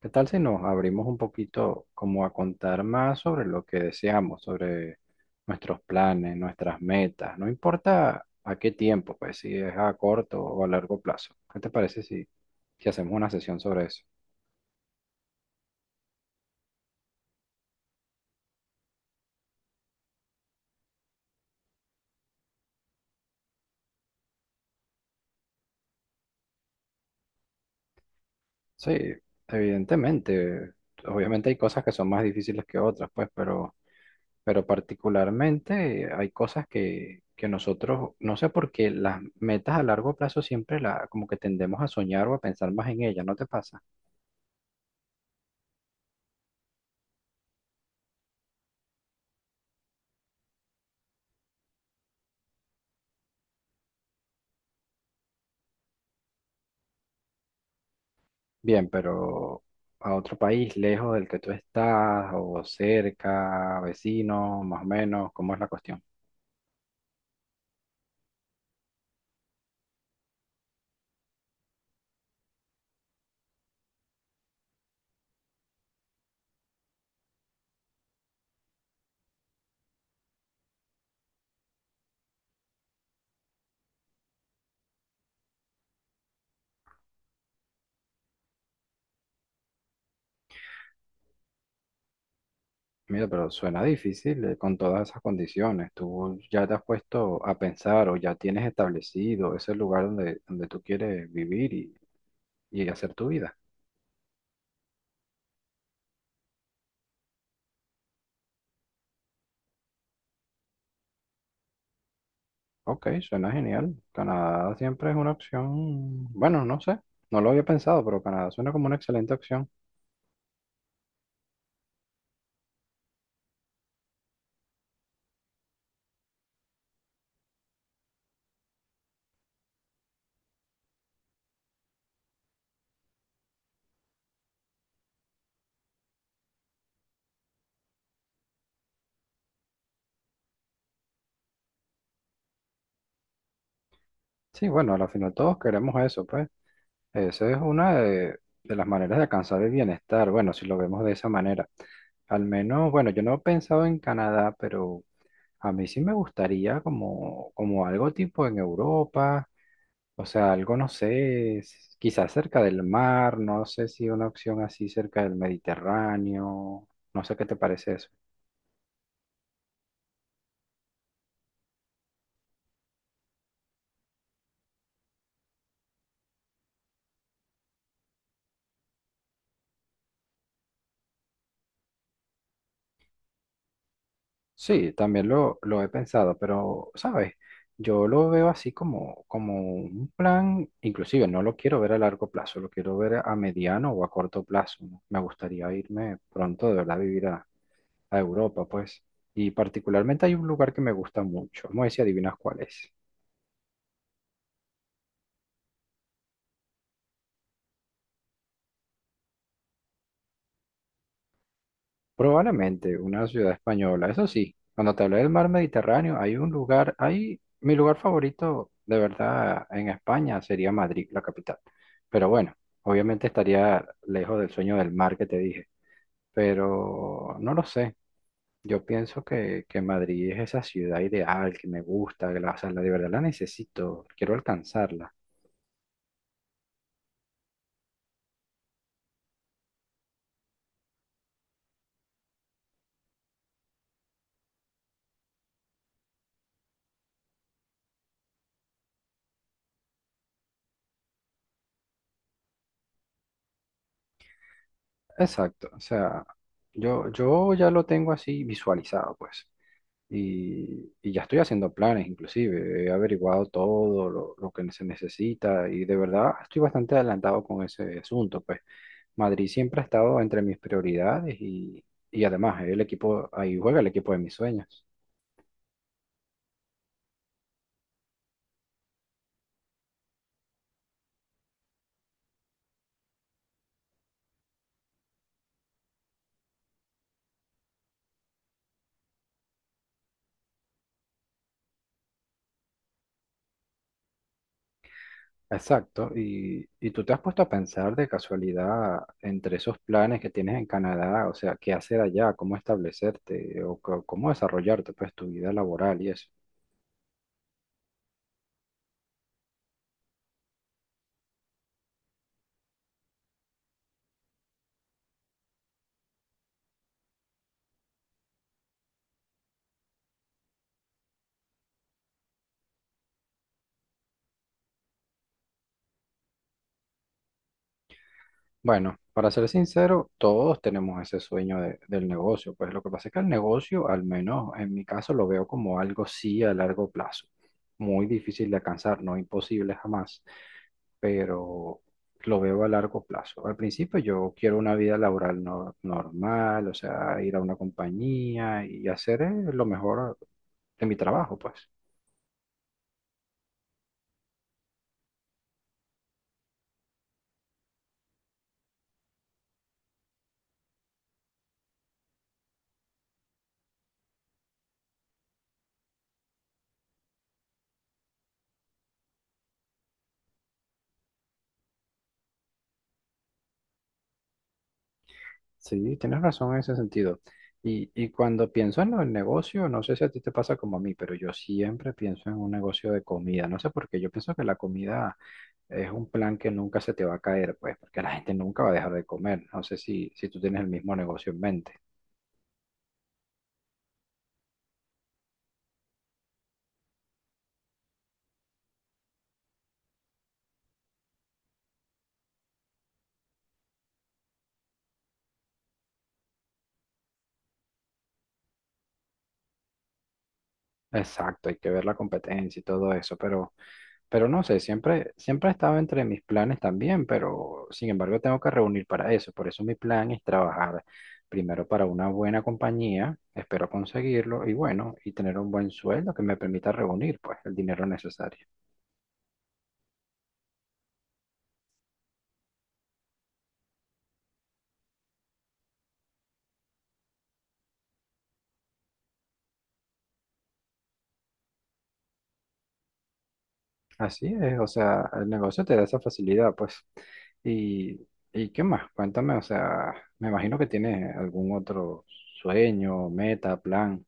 ¿Qué tal si nos abrimos un poquito como a contar más sobre lo que deseamos, sobre nuestros planes, nuestras metas? No importa a qué tiempo, pues si es a corto o a largo plazo. ¿Qué te parece si hacemos una sesión sobre eso? Sí, evidentemente. Obviamente hay cosas que son más difíciles que otras, pues, pero particularmente hay cosas que nosotros, no sé por qué las metas a largo plazo siempre la, como que tendemos a soñar o a pensar más en ellas, ¿no te pasa? Bien, pero a otro país lejos del que tú estás o cerca, vecino, más o menos, ¿cómo es la cuestión? Mira, pero suena difícil, con todas esas condiciones. ¿Tú ya te has puesto a pensar o ya tienes establecido ese lugar donde tú quieres vivir y hacer tu vida? Ok, suena genial. Canadá siempre es una opción. Bueno, no sé, no lo había pensado, pero Canadá suena como una excelente opción. Sí, bueno, al final todos queremos eso, pues. Esa es una de las maneras de alcanzar el bienestar, bueno, si lo vemos de esa manera. Al menos, bueno, yo no he pensado en Canadá, pero a mí sí me gustaría como algo tipo en Europa, o sea, algo, no sé, quizás cerca del mar, no sé si una opción así cerca del Mediterráneo, no sé qué te parece eso. Sí, también lo he pensado, pero, ¿sabes? Yo lo veo así como, como un plan, inclusive no lo quiero ver a largo plazo, lo quiero ver a mediano o a corto plazo, ¿no? Me gustaría irme pronto de verdad a vivir a Europa, pues. Y particularmente hay un lugar que me gusta mucho, vamos a ver si adivinas cuál es. Probablemente una ciudad española. Eso sí, cuando te hablé del mar Mediterráneo, hay un lugar, hay mi lugar favorito de verdad en España sería Madrid, la capital. Pero bueno, obviamente estaría lejos del sueño del mar que te dije. Pero no lo sé. Yo pienso que Madrid es esa ciudad ideal que me gusta, que la, o sea, de verdad la necesito, quiero alcanzarla. Exacto, o sea, yo ya lo tengo así visualizado, pues. Y ya estoy haciendo planes, inclusive. He averiguado todo lo que se necesita y de verdad estoy bastante adelantado con ese asunto. Pues Madrid siempre ha estado entre mis prioridades y además el equipo, ahí juega el equipo de mis sueños. Exacto. Y tú te has puesto a pensar de casualidad entre esos planes que tienes en Canadá, o sea, qué hacer allá, cómo establecerte o cómo desarrollarte, pues tu vida laboral y eso. Bueno, para ser sincero, todos tenemos ese sueño del negocio. Pues lo que pasa es que el negocio, al menos en mi caso, lo veo como algo sí a largo plazo. Muy difícil de alcanzar, no imposible jamás, pero lo veo a largo plazo. Al principio yo quiero una vida laboral normal, o sea, ir a una compañía y hacer lo mejor de mi trabajo, pues. Sí, tienes razón en ese sentido. Y cuando pienso en el negocio, no sé si a ti te pasa como a mí, pero yo siempre pienso en un negocio de comida. No sé por qué, yo pienso que la comida es un plan que nunca se te va a caer, pues, porque la gente nunca va a dejar de comer. No sé si tú tienes el mismo negocio en mente. Exacto, hay que ver la competencia y todo eso, pero... Pero no sé, siempre ha estado entre mis planes también, pero sin embargo tengo que reunir para eso. Por eso mi plan es trabajar primero para una buena compañía, espero conseguirlo y bueno, y tener un buen sueldo que me permita reunir pues el dinero necesario. Así es, o sea, el negocio te da esa facilidad pues. ¿Y, y qué más? Cuéntame, o sea, me imagino que tienes algún otro sueño, meta, plan.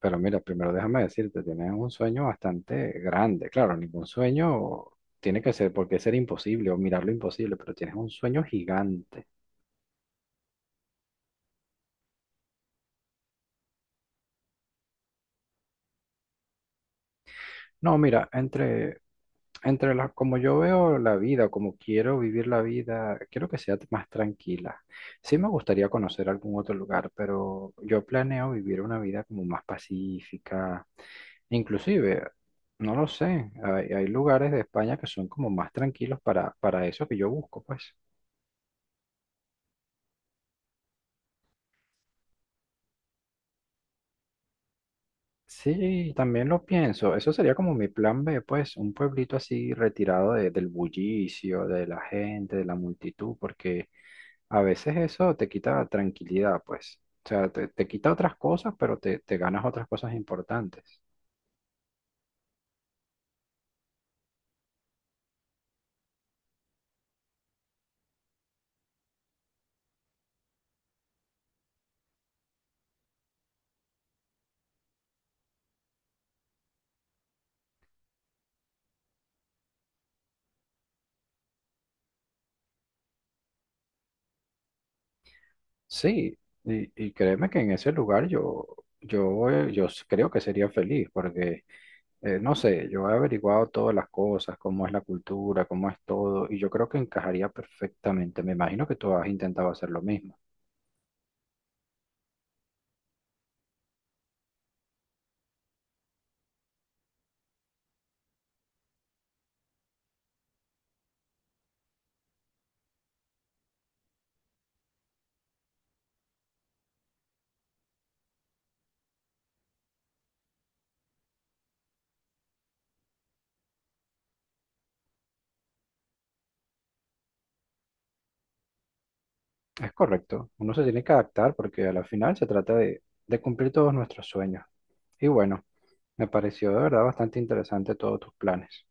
Pero mira, primero déjame decirte, tienes un sueño bastante grande. Claro, ningún sueño tiene que ser, porque ser imposible o mirar lo imposible, pero tienes un sueño gigante. No, mira, entre las, como yo veo la vida, como quiero vivir la vida, quiero que sea más tranquila. Sí me gustaría conocer algún otro lugar, pero yo planeo vivir una vida como más pacífica. Inclusive, no lo sé, hay lugares de España que son como más tranquilos para eso que yo busco, pues. Sí, también lo pienso. Eso sería como mi plan B, pues, un pueblito así retirado del bullicio, de la gente, de la multitud, porque a veces eso te quita tranquilidad, pues. O sea, te quita otras cosas, pero te ganas otras cosas importantes. Sí, y créeme que en ese lugar yo, yo, creo que sería feliz, porque, no sé, yo he averiguado todas las cosas, cómo es la cultura, cómo es todo, y yo creo que encajaría perfectamente. Me imagino que tú has intentado hacer lo mismo. Es correcto, uno se tiene que adaptar porque a la final se trata de cumplir todos nuestros sueños. Y bueno, me pareció de verdad bastante interesante todos tus planes.